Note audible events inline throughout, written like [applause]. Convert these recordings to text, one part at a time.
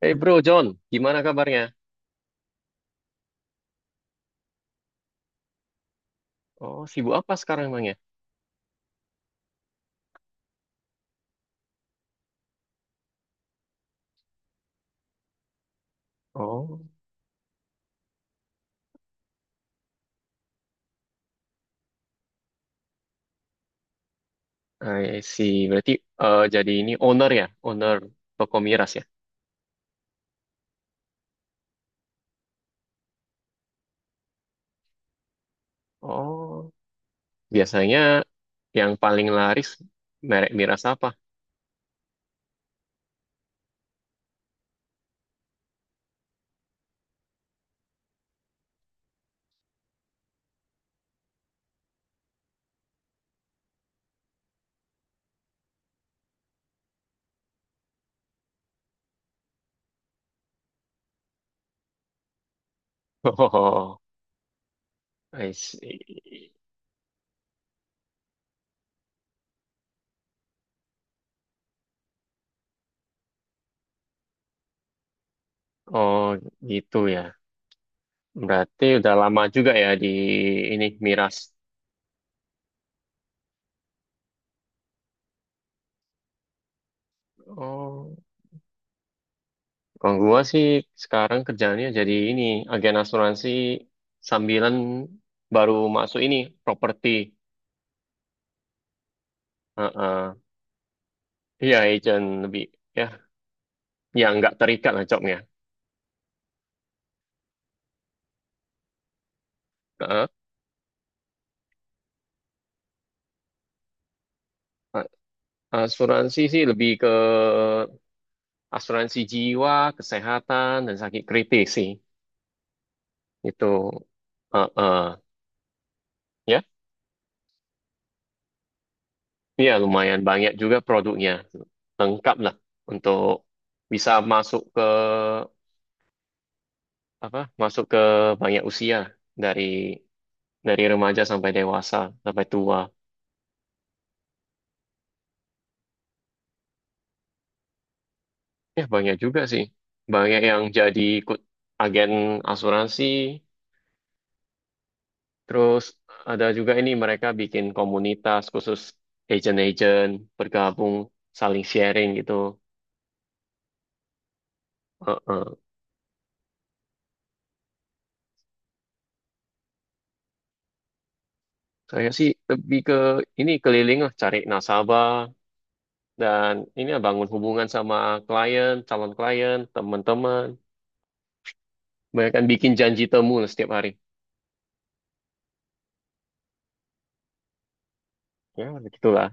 Hey bro John, gimana kabarnya? Oh, sibuk apa sekarang emangnya? Oh, I see. Berarti jadi ini owner ya, owner toko miras ya? Oh, biasanya yang paling laris merek miras apa? [laughs] Oh, I see. Oh, gitu ya. Berarti udah lama juga ya di ini miras. Oh, kalau gua sih sekarang kerjaannya jadi ini agen asuransi sambilan baru masuk ini properti. Heeh. Iya, agent lebih ya, ya nggak terikat lah jobnya. Heeh. A- Asuransi sih lebih ke asuransi jiwa, kesehatan dan sakit kritis sih. Itu, heeh, ya. Iya, lumayan banyak juga produknya. Lengkap lah untuk bisa masuk ke apa? Masuk ke banyak usia dari dari remaja sampai dewasa, sampai tua. Ya, banyak juga sih. Banyak yang jadi ikut agen asuransi. Terus ada juga ini mereka bikin komunitas khusus agent-agent bergabung saling sharing gitu. Heeh. Saya sih lebih ke ini keliling lah cari nasabah dan ini lah bangun hubungan sama klien, calon klien, teman-teman. Banyak kan bikin janji temu lah setiap hari. Ya, begitulah.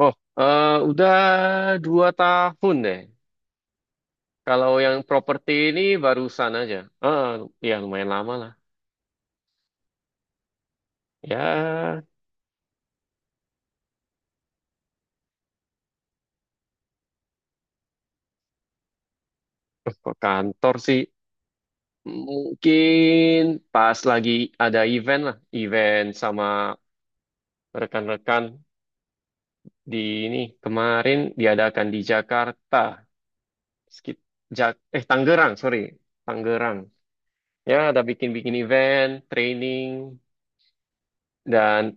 Oh, udah 2 tahun deh. Kalau yang properti ini barusan aja. Ah, ya lumayan lama lah. Ya, ke kantor sih mungkin pas lagi ada event lah, event sama rekan-rekan di ini kemarin diadakan di Jakarta, sekit, Jak- eh Tangerang, sorry, Tangerang. Ya, ada bikin-bikin event, training, dan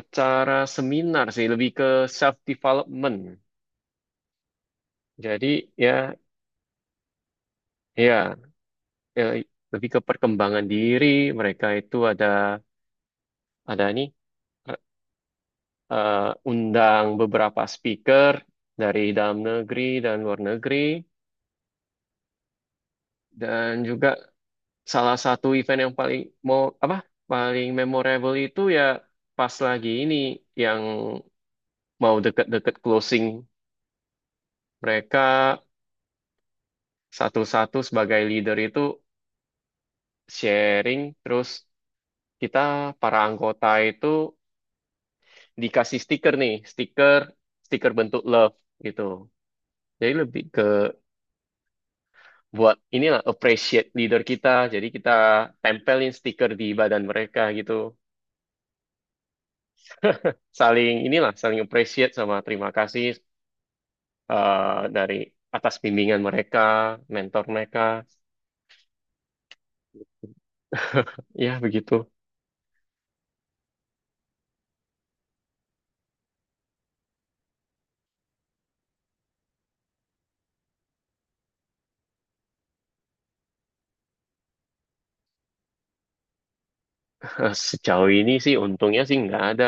acara seminar sih, lebih ke self development. Jadi ya, ya, eh, lebih ke perkembangan diri. Mereka itu ada nih. eh, Undang beberapa speaker dari dalam negeri dan luar negeri, dan juga salah satu event yang paling mau apa paling memorable itu ya pas lagi ini yang mau deket-deket closing, mereka satu-satu sebagai leader itu sharing. Terus kita para anggota itu dikasih stiker, nih, stiker stiker bentuk love gitu, jadi lebih ke buat inilah appreciate leader kita. Jadi kita tempelin stiker di badan mereka gitu. Saling inilah saling appreciate sama terima kasih, dari atas bimbingan mereka, mentor mereka. Ya begitu. [laughs] Sejauh ini sih untungnya sih nggak ada.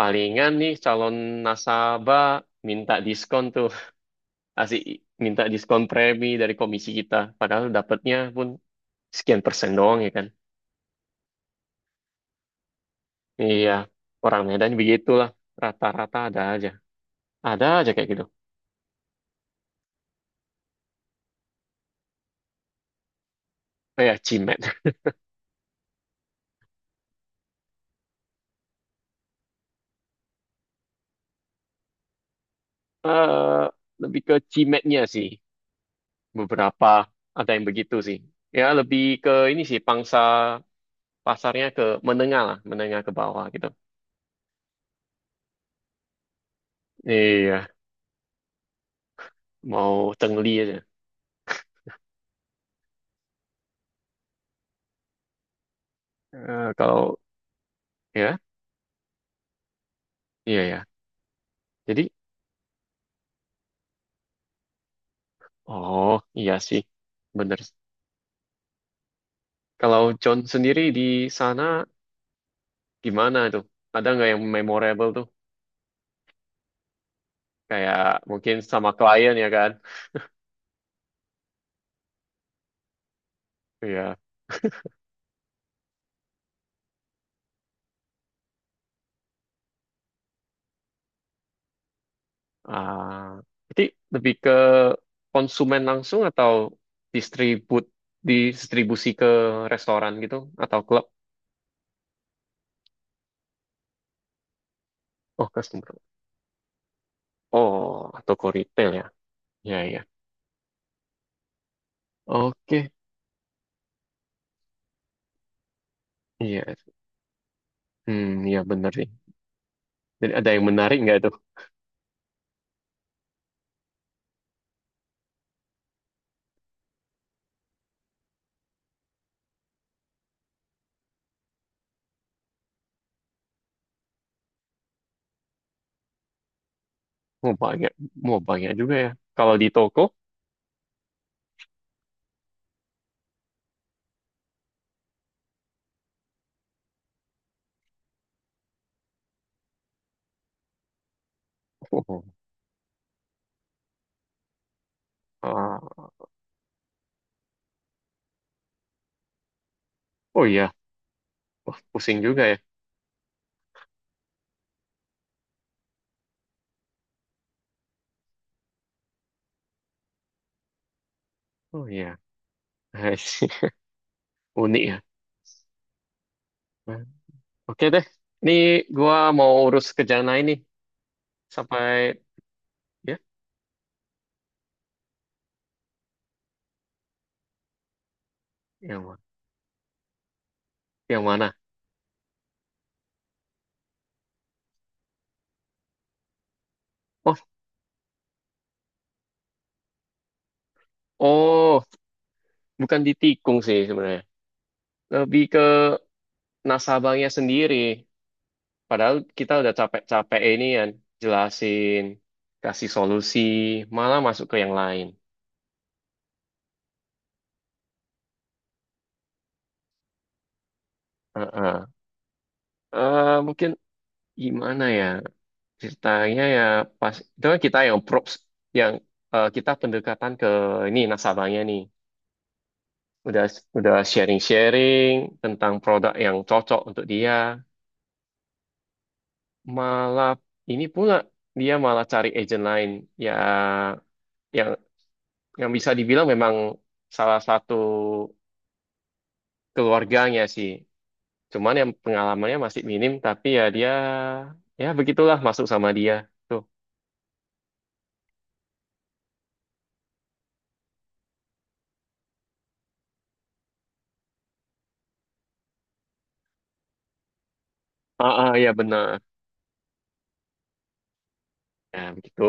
Palingan nih calon nasabah minta diskon tuh. [laughs] Asik minta diskon premi dari komisi kita. Padahal dapatnya pun sekian persen doang ya kan. Iya, orang Medan begitulah. Rata-rata ada aja. Ada aja kayak gitu. Ya, cimet. [laughs] eh Lebih ke cimetnya sih. Beberapa ada yang begitu sih. Ya, lebih ke ini sih, pangsa pasarnya ke menengah lah, menengah ke bawah gitu. Iya, mau cengli aja. Kalau, ya, iya ya. Jadi, oh, iya sih. Bener. Kalau John sendiri di sana, gimana tuh? Ada nggak yang memorable tuh? Kayak mungkin sama klien ya kan? Iya. Ah, jadi lebih ke konsumen langsung atau distribut distribusi ke restoran gitu atau klub? Oh, customer. Oh, atau ke retail ya? Ya, ya. Oke. Iya. Hmm, ya bener sih. Jadi ada yang menarik nggak tuh? Mau banyak, mau banyak juga ya. Kalau di toko, oh, ah, oh iya, wah, pusing juga ya. Oh iya. [laughs] I see. Unik ya. Nah, oke deh, ini gua mau urus kerjaan lain nih. Sampai ya, ya. Yang mana? Oh, oh, bukan ditikung sih sebenarnya. Lebih ke nasabahnya sendiri. Padahal kita udah capek-capek ini kan, jelasin, kasih solusi, malah masuk ke yang lain. Heeh. Mungkin gimana ya ceritanya ya pas itu kan kita yang props yang kita pendekatan ke ini nasabahnya nih, udah udah sharing-sharing tentang produk yang cocok untuk dia, malah ini pula dia malah cari agent lain ya, yang yang bisa dibilang memang salah satu keluarganya sih, cuman yang pengalamannya masih minim tapi ya dia ya begitulah masuk sama dia tuh. Ah ah, ya benar. Ya begitu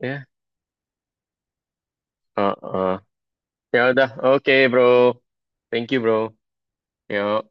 ya. Ah ah. Ya udah, oke bro. Thank you bro. Yo.